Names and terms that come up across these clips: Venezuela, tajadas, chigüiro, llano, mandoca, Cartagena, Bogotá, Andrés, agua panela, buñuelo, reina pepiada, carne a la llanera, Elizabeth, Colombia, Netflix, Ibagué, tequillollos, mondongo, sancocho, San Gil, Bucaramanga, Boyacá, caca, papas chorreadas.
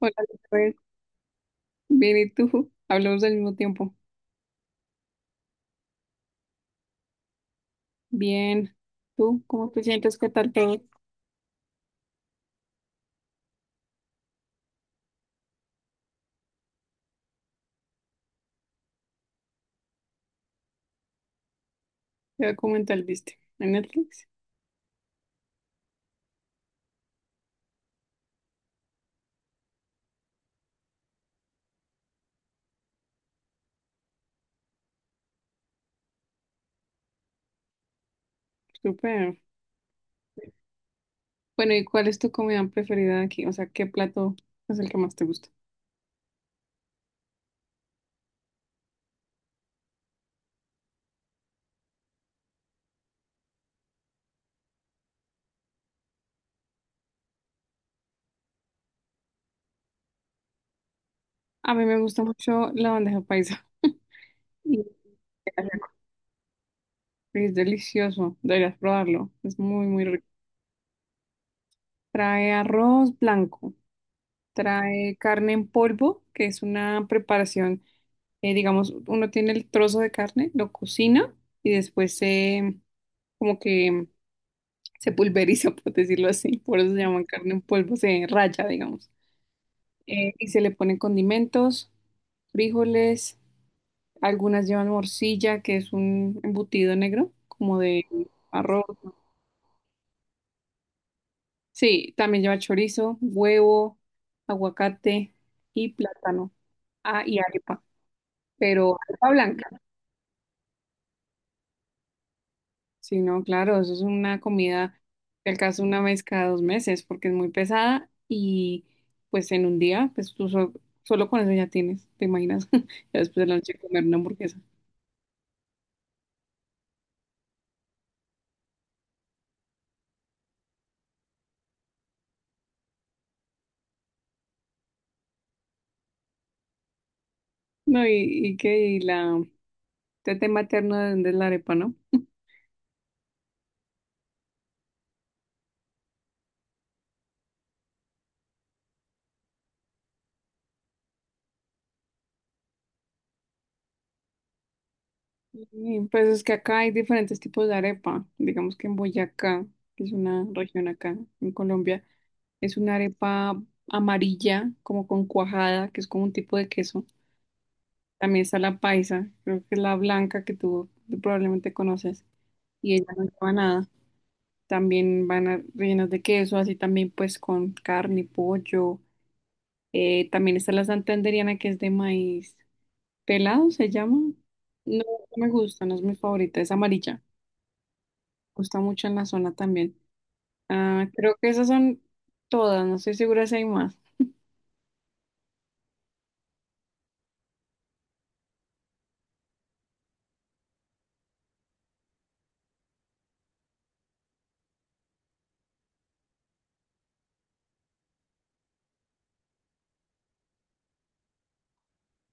Hola, Elizabeth. Bien, ¿y tú? Hablamos al mismo tiempo. Bien, ¿tú cómo te sientes? ¿Qué tal todo? ¿Qué documental viste? ¿En Netflix? Súper. Bueno, ¿y cuál es tu comida preferida de aquí? O sea, ¿qué plato es el que más te gusta? A mí me gusta mucho la bandeja paisa. Y es delicioso, deberías probarlo. Es muy, muy rico. Trae arroz blanco, trae carne en polvo, que es una preparación. Digamos, uno tiene el trozo de carne, lo cocina y después se, como que se pulveriza, por decirlo así, por eso se llama carne en polvo, se raya, digamos. Y se le ponen condimentos, frijoles, algunas llevan morcilla, que es un embutido negro, como de arroz. Sí, también lleva chorizo, huevo, aguacate y plátano. Ah, y arepa, pero arepa blanca. Sí, no, claro, eso es una comida que alcanza una vez cada dos meses porque es muy pesada y pues en un día, pues solo con eso ya tienes, ¿te imaginas? Ya después de la noche comer una hamburguesa. No, y la tete materna de dónde es la arepa, ¿no? Pues es que acá hay diferentes tipos de arepa. Digamos que en Boyacá, que es una región acá en Colombia, es una arepa amarilla, como con cuajada, que es como un tipo de queso. También está la paisa, creo que es la blanca que tú probablemente conoces. Y ella no lleva nada. Rellenas de queso, así también pues con carne, pollo. También está la santanderiana que es de maíz pelado, se llama. No, no me gusta, no es mi favorita, es amarilla. Gusta mucho en la zona también. Ah, creo que esas son todas, no estoy segura si hay más.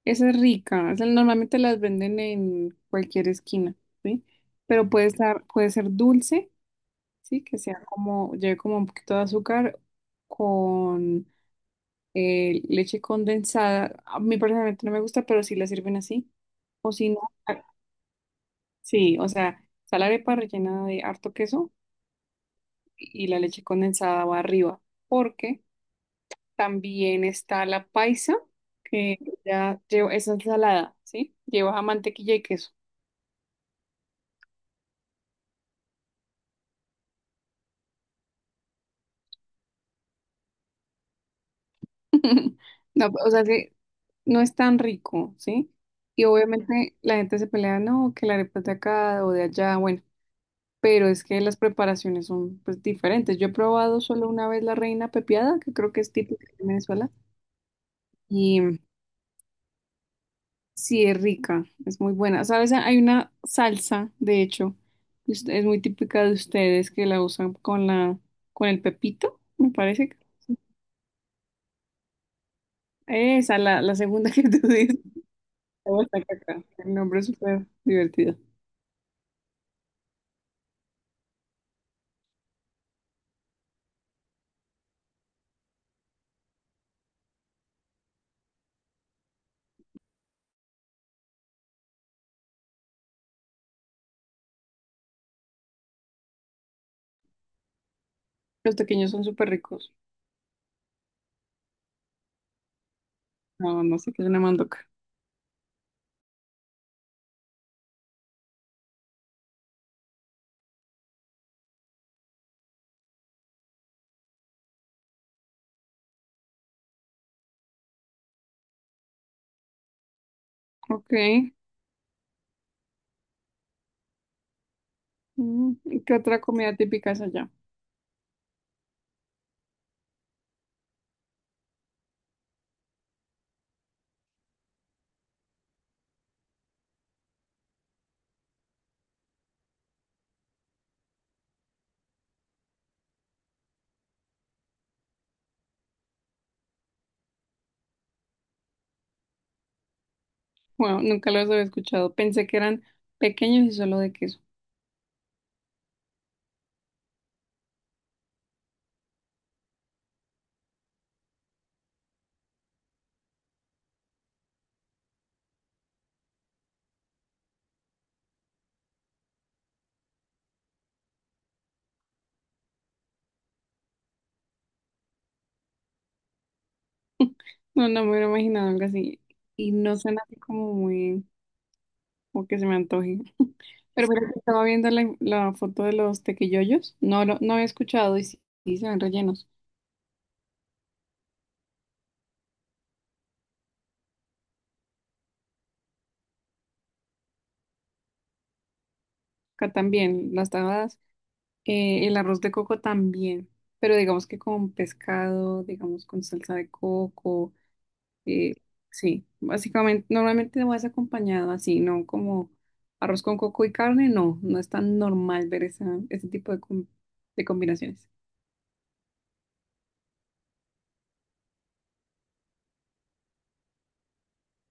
Esa es rica, esa normalmente las venden en cualquier esquina, ¿sí? Pero puede estar, puede ser dulce. Sí, que sea como, lleve como un poquito de azúcar con leche condensada. A mí personalmente no me gusta, pero sí la sirven así. O si no, ah, sí, o sea, está la arepa rellena de harto queso y la leche condensada va arriba. Porque también está la paisa, que ya lleva, es ensalada, ¿sí? Lleva mantequilla y queso. No, pues, o sea que no es tan rico, ¿sí? Y obviamente la gente se pelea, no, que la arepa es de acá o de allá, bueno, pero es que las preparaciones son pues diferentes. Yo he probado solo una vez la reina pepiada, que creo que es típica de Venezuela, y sí es rica, es muy buena. ¿Sabes? Hay una salsa, de hecho, que es muy típica de ustedes que la usan con la con el pepito, me parece. Esa, la segunda que tú dices. Me gusta caca. El nombre es súper divertido. Los pequeños son súper ricos. No, no sé qué es una mandoca. Ok. Mm, ¿Qué otra comida típica es allá? Bueno, nunca los había escuchado. Pensé que eran pequeños y solo de queso. No, no me hubiera imaginado algo así. Y no suena así como muy, como que se me antoje. Pero mira que estaba viendo la, la foto de los tequillollos. No, no había escuchado y sí, sí se ven rellenos. Acá también, las tajadas. El arroz de coco también, pero digamos que con pescado, digamos con salsa de coco, eh, sí, básicamente, normalmente no es acompañado así, ¿no? Como arroz con coco y carne, no, no es tan normal ver esa, ese tipo de, de combinaciones.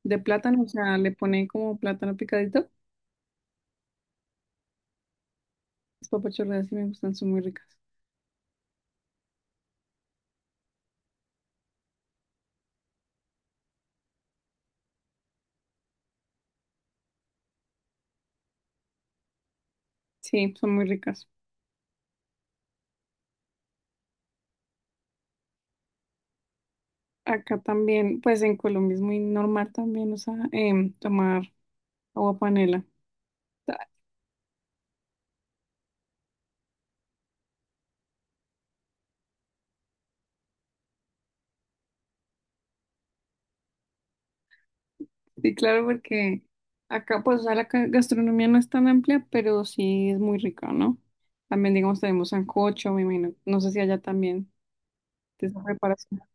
De plátano, o sea, le ponen como plátano picadito, las papas chorreadas sí me gustan, son muy ricas. Sí, son muy ricas. Acá también, pues en Colombia es muy normal también, o sea, tomar agua panela. Sí, claro, porque acá pues o sea, gastronomía no es tan amplia, pero sí es muy rica, ¿no? También digamos tenemos sancocho, me imagino, no sé si allá también de esa preparación prepara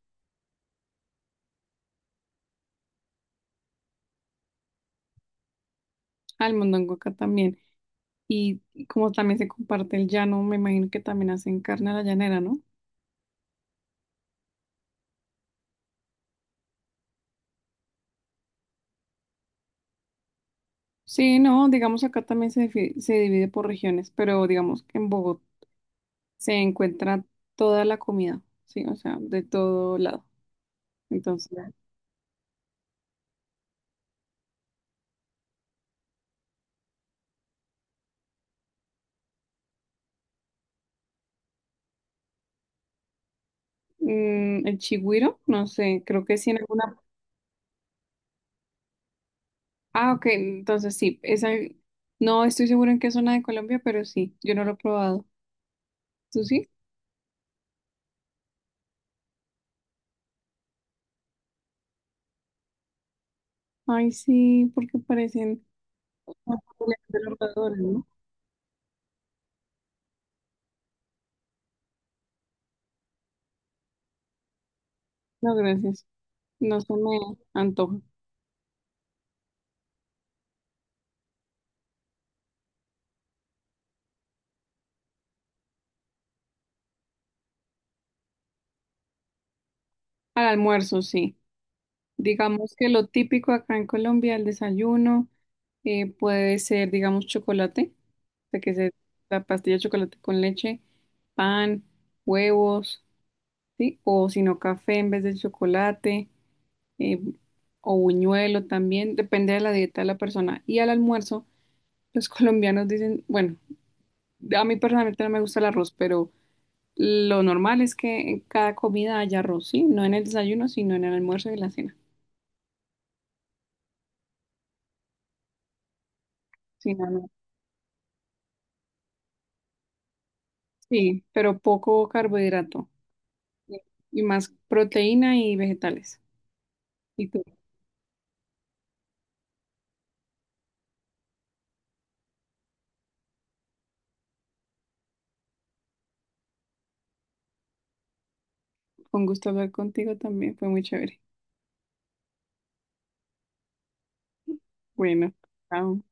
al mondongo acá también. Y como también se comparte el llano, me imagino que también hacen carne a la llanera, ¿no? Sí, no, digamos acá también se, se divide por regiones, pero digamos que en Bogotá se encuentra toda la comida, sí, o sea, de todo lado. Entonces, mm, el chigüiro, no sé, creo que sí en alguna. Ah, ok, entonces sí, esa, no estoy seguro en qué zona de Colombia, pero sí, yo no lo he probado. ¿Tú sí? Ay, sí, porque parecen de los roedores, ¿no? No, gracias. No se me antoja. Al almuerzo, sí. Digamos que lo típico acá en Colombia, el desayuno, puede ser, digamos, chocolate, o sea, que se la pastilla de chocolate con leche, pan, huevos, ¿sí? O si no, café en vez de chocolate. eh, o buñuelo también, depende de la dieta de la persona. Y al almuerzo, los colombianos dicen, bueno, a mí personalmente no me gusta el arroz, pero lo normal es que en cada comida haya arroz, ¿sí? No en el desayuno, sino en el almuerzo y la cena. Sí, no, no. Sí, pero poco carbohidrato y más proteína y vegetales. Y tú, con gusto hablar contigo también, fue muy chévere. Bueno, chao.